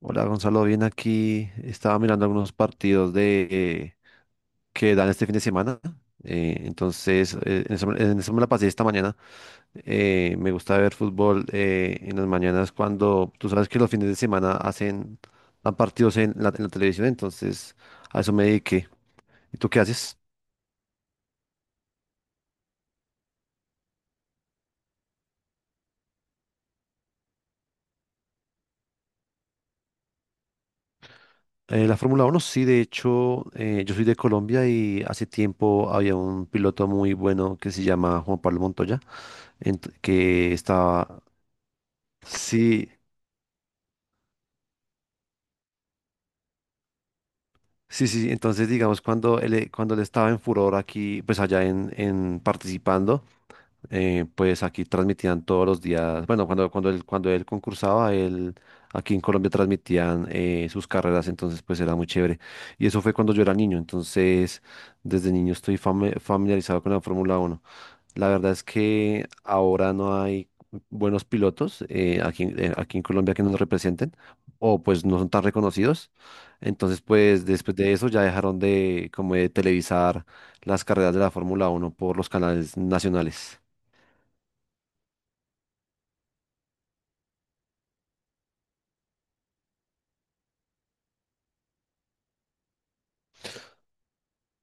Hola Gonzalo, bien aquí. Estaba mirando algunos partidos de que dan este fin de semana. En eso me la pasé esta mañana. Me gusta ver fútbol en las mañanas cuando tú sabes que los fines de semana hacen dan partidos en en la televisión. Entonces, a eso me dediqué. ¿Y tú qué haces? La Fórmula Uno sí, de hecho, yo soy de Colombia y hace tiempo había un piloto muy bueno que se llama Juan Pablo Montoya que estaba, sí, sí, sí, sí. Entonces digamos cuando él estaba en furor aquí, pues en participando, pues aquí transmitían todos los días, bueno, cuando él concursaba, él aquí en Colombia transmitían sus carreras, entonces pues era muy chévere. Y eso fue cuando yo era niño, entonces desde niño estoy familiarizado con la Fórmula Uno. La verdad es que ahora no hay buenos pilotos aquí en Colombia que nos representen o pues no son tan reconocidos. Entonces pues después de eso ya dejaron de como de televisar las carreras de la Fórmula Uno por los canales nacionales.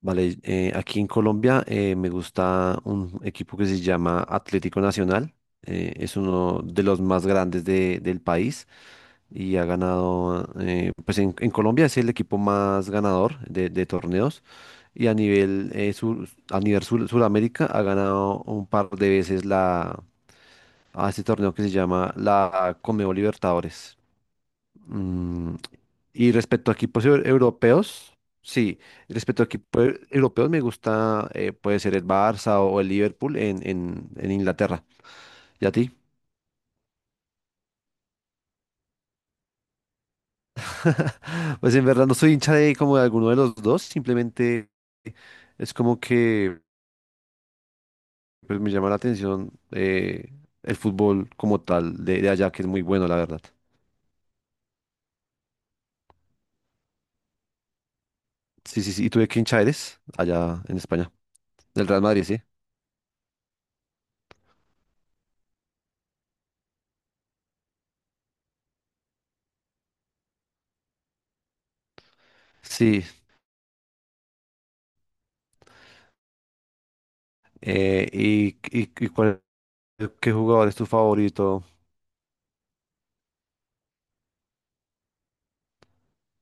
Vale, aquí en Colombia me gusta un equipo que se llama Atlético Nacional. Eh, es uno de los más grandes del país y ha ganado, pues en Colombia es el equipo más ganador de torneos y a nivel, a nivel Suramérica ha ganado un par de veces la, a este torneo que se llama la Conmebol Libertadores. Mm, y respecto a equipos europeos, sí, respecto a equipos europeos me gusta, puede ser el Barça o el Liverpool en Inglaterra. ¿Y a ti? Pues en verdad no soy hincha de como de alguno de los dos, simplemente es como que... Pues me llama la atención el fútbol como tal de allá, que es muy bueno, la verdad. Sí, sí, sí. ¿Y tú de qué hincha eres? Allá en España. ¿Del Real Madrid, sí? Sí. eh, y, y- y cuál- ¿Qué jugador es tu favorito?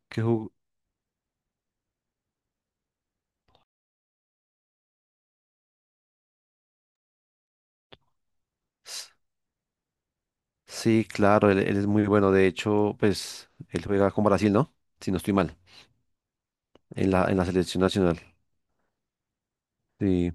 ¿Qué ju- S- Sí, claro, él es muy bueno. De hecho, pues él juega con Brasil, ¿no? Si no estoy mal, en en la selección nacional. Sí.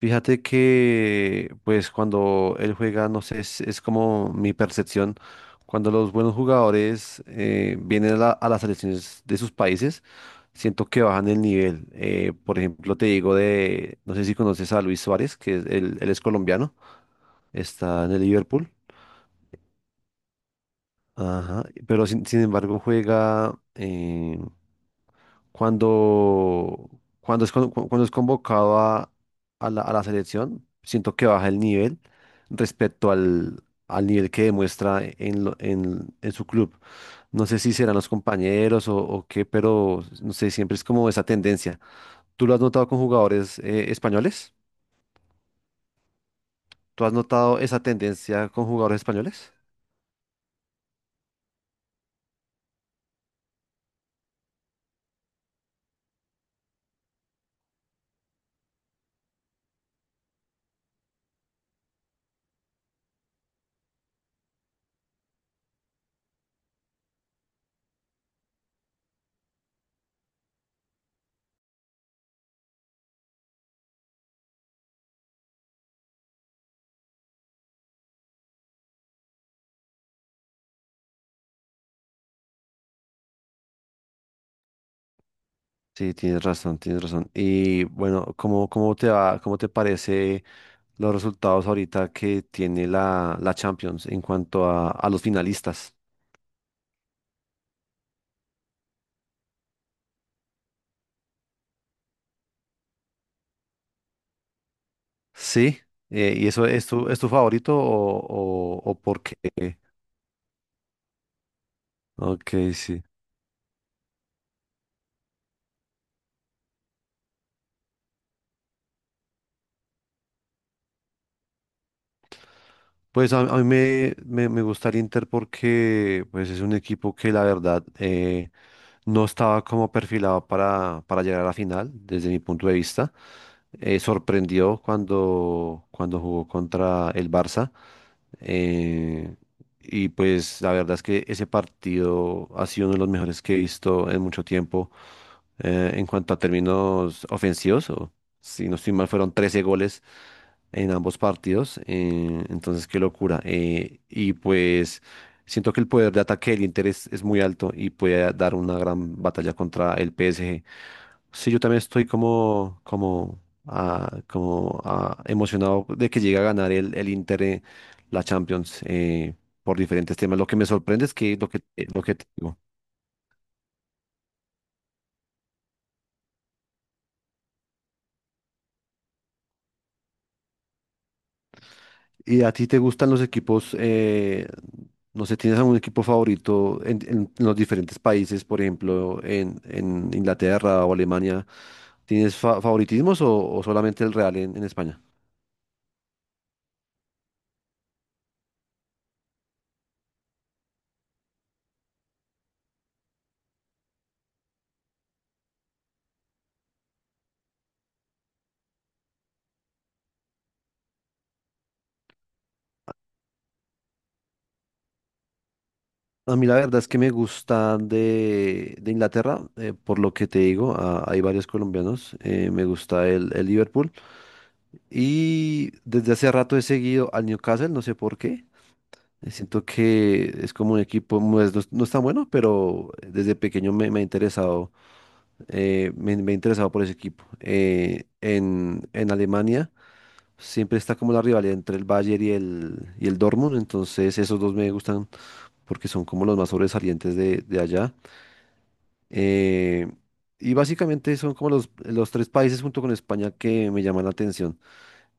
Fíjate que, pues, cuando él juega, no sé, es como mi percepción, cuando los buenos jugadores vienen a, a las selecciones de sus países, siento que bajan el nivel. Por ejemplo, te digo de, no sé si conoces a Luis Suárez, que es, él es colombiano, está en el Liverpool, ajá, pero sin embargo juega, cuando, cuando es, cuando es convocado a a la selección, siento que baja el nivel respecto al nivel que demuestra en, en su club. No sé si serán los compañeros o qué, pero no sé, siempre es como esa tendencia. ¿Tú lo has notado con jugadores españoles? ¿Tú has notado esa tendencia con jugadores españoles? Sí, tienes razón, tienes razón. Y bueno, ¿cómo, cómo te va, cómo te parece los resultados ahorita que tiene la Champions en cuanto a los finalistas? Sí, ¿y eso es es tu favorito o por qué? Ok, sí. Pues a me gusta el Inter porque pues, es un equipo que la verdad no estaba como perfilado para llegar a la final, desde mi punto de vista. Sorprendió cuando jugó contra el Barça. Eh, y pues la verdad es que ese partido ha sido uno de los mejores que he visto en mucho tiempo en cuanto a términos ofensivos. O, si no estoy mal, fueron 13 goles en ambos partidos. Eh, entonces, qué locura. Eh, y pues siento que el poder de ataque del Inter es muy alto y puede dar una gran batalla contra el PSG. Sí, yo también estoy como emocionado de que llegue a ganar el Inter la Champions por diferentes temas. Lo que me sorprende es que lo que, lo que te digo. ¿Y a ti te gustan los equipos? Eh, no sé, ¿tienes algún equipo favorito en los diferentes países? Por ejemplo, en Inglaterra o Alemania. ¿Tienes favoritismos o solamente el Real en España? A mí la verdad es que me gusta de Inglaterra, por lo que te digo, ah, hay varios colombianos, me gusta el Liverpool y desde hace rato he seguido al Newcastle, no sé por qué, siento que es como un equipo, no es tan bueno, pero desde pequeño me ha interesado, me he interesado por ese equipo. En Alemania siempre está como la rivalidad entre el Bayern y y el Dortmund, entonces esos dos me gustan porque son como los más sobresalientes de allá. Eh, y básicamente son como los tres países junto con España que me llaman la atención.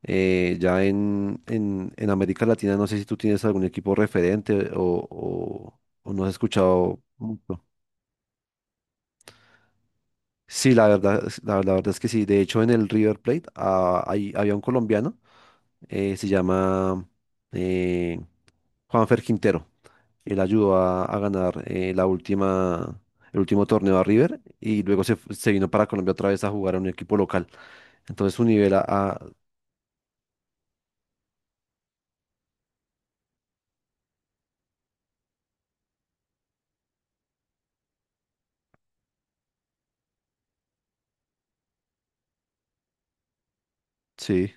Ya en América Latina no sé si tú tienes algún equipo referente o no has escuchado mucho. Sí, la verdad, la verdad es que sí. De hecho, en el River Plate ah, había un colombiano, se llama eh, Juanfer Quintero. Él ayudó a ganar el último torneo a River y luego se, se vino para Colombia otra vez a jugar a un equipo local. Entonces su nivel sí,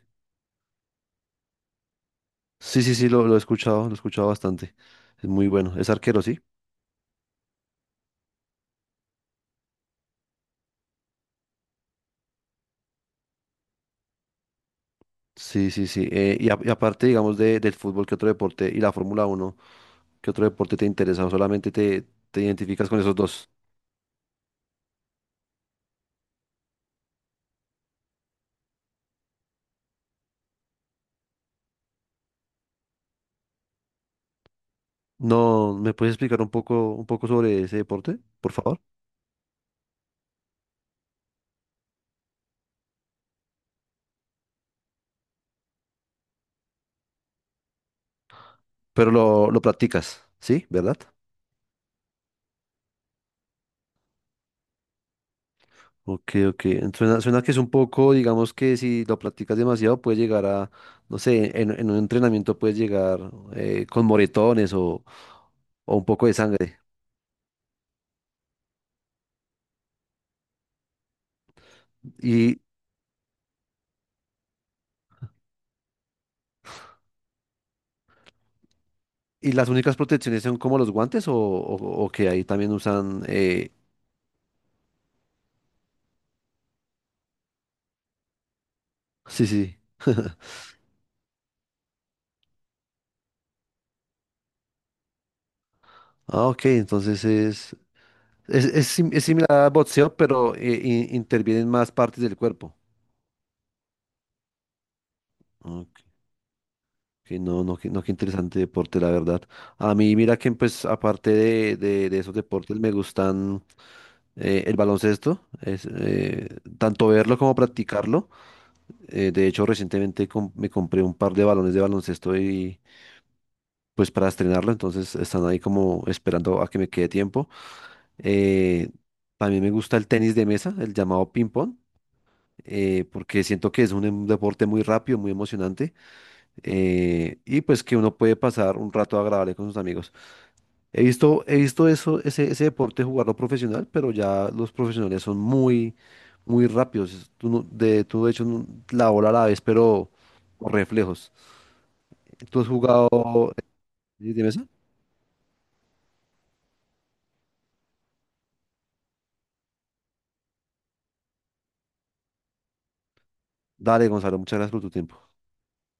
sí, sí, sí, lo he escuchado bastante. Es muy bueno. Es arquero, sí. Sí, sí, sí. Y aparte, digamos, de, del fútbol, ¿qué otro deporte? Y la Fórmula Uno, ¿qué otro deporte te interesa? ¿O solamente te identificas con esos dos? No, ¿me puedes explicar un poco sobre ese deporte, por favor? Pero lo practicas, ¿sí? ¿Verdad? Ok, ok. Suena, suena que es un poco, digamos que si lo practicas demasiado, puede llegar a, no sé, en un entrenamiento puedes llegar con moretones o un poco de sangre. ¿Y, y las únicas protecciones son como los guantes o que ahí también usan? Eh, sí, sí. Ah, ok, entonces es, es similar a boxeo, pero intervienen más partes del cuerpo. Ok. Que no, no, que no, qué interesante deporte, la verdad. A mí, mira que pues aparte de esos deportes me gustan el baloncesto, tanto verlo como practicarlo. De hecho, recientemente me compré un par de balones de baloncesto y pues para estrenarlo, entonces están ahí como esperando a que me quede tiempo. Eh, también me gusta el tenis de mesa, el llamado ping pong, porque siento que es un deporte muy rápido, muy emocionante y pues que uno puede pasar un rato agradable con sus amigos. He visto eso, ese deporte jugarlo profesional, pero ya los profesionales son muy, muy rápidos. Tú de hecho, no- la bola a la vez, pero con reflejos. ¿Tú has jugado eh, tenis de mesa? Dale, Gonzalo, muchas gracias por tu tiempo.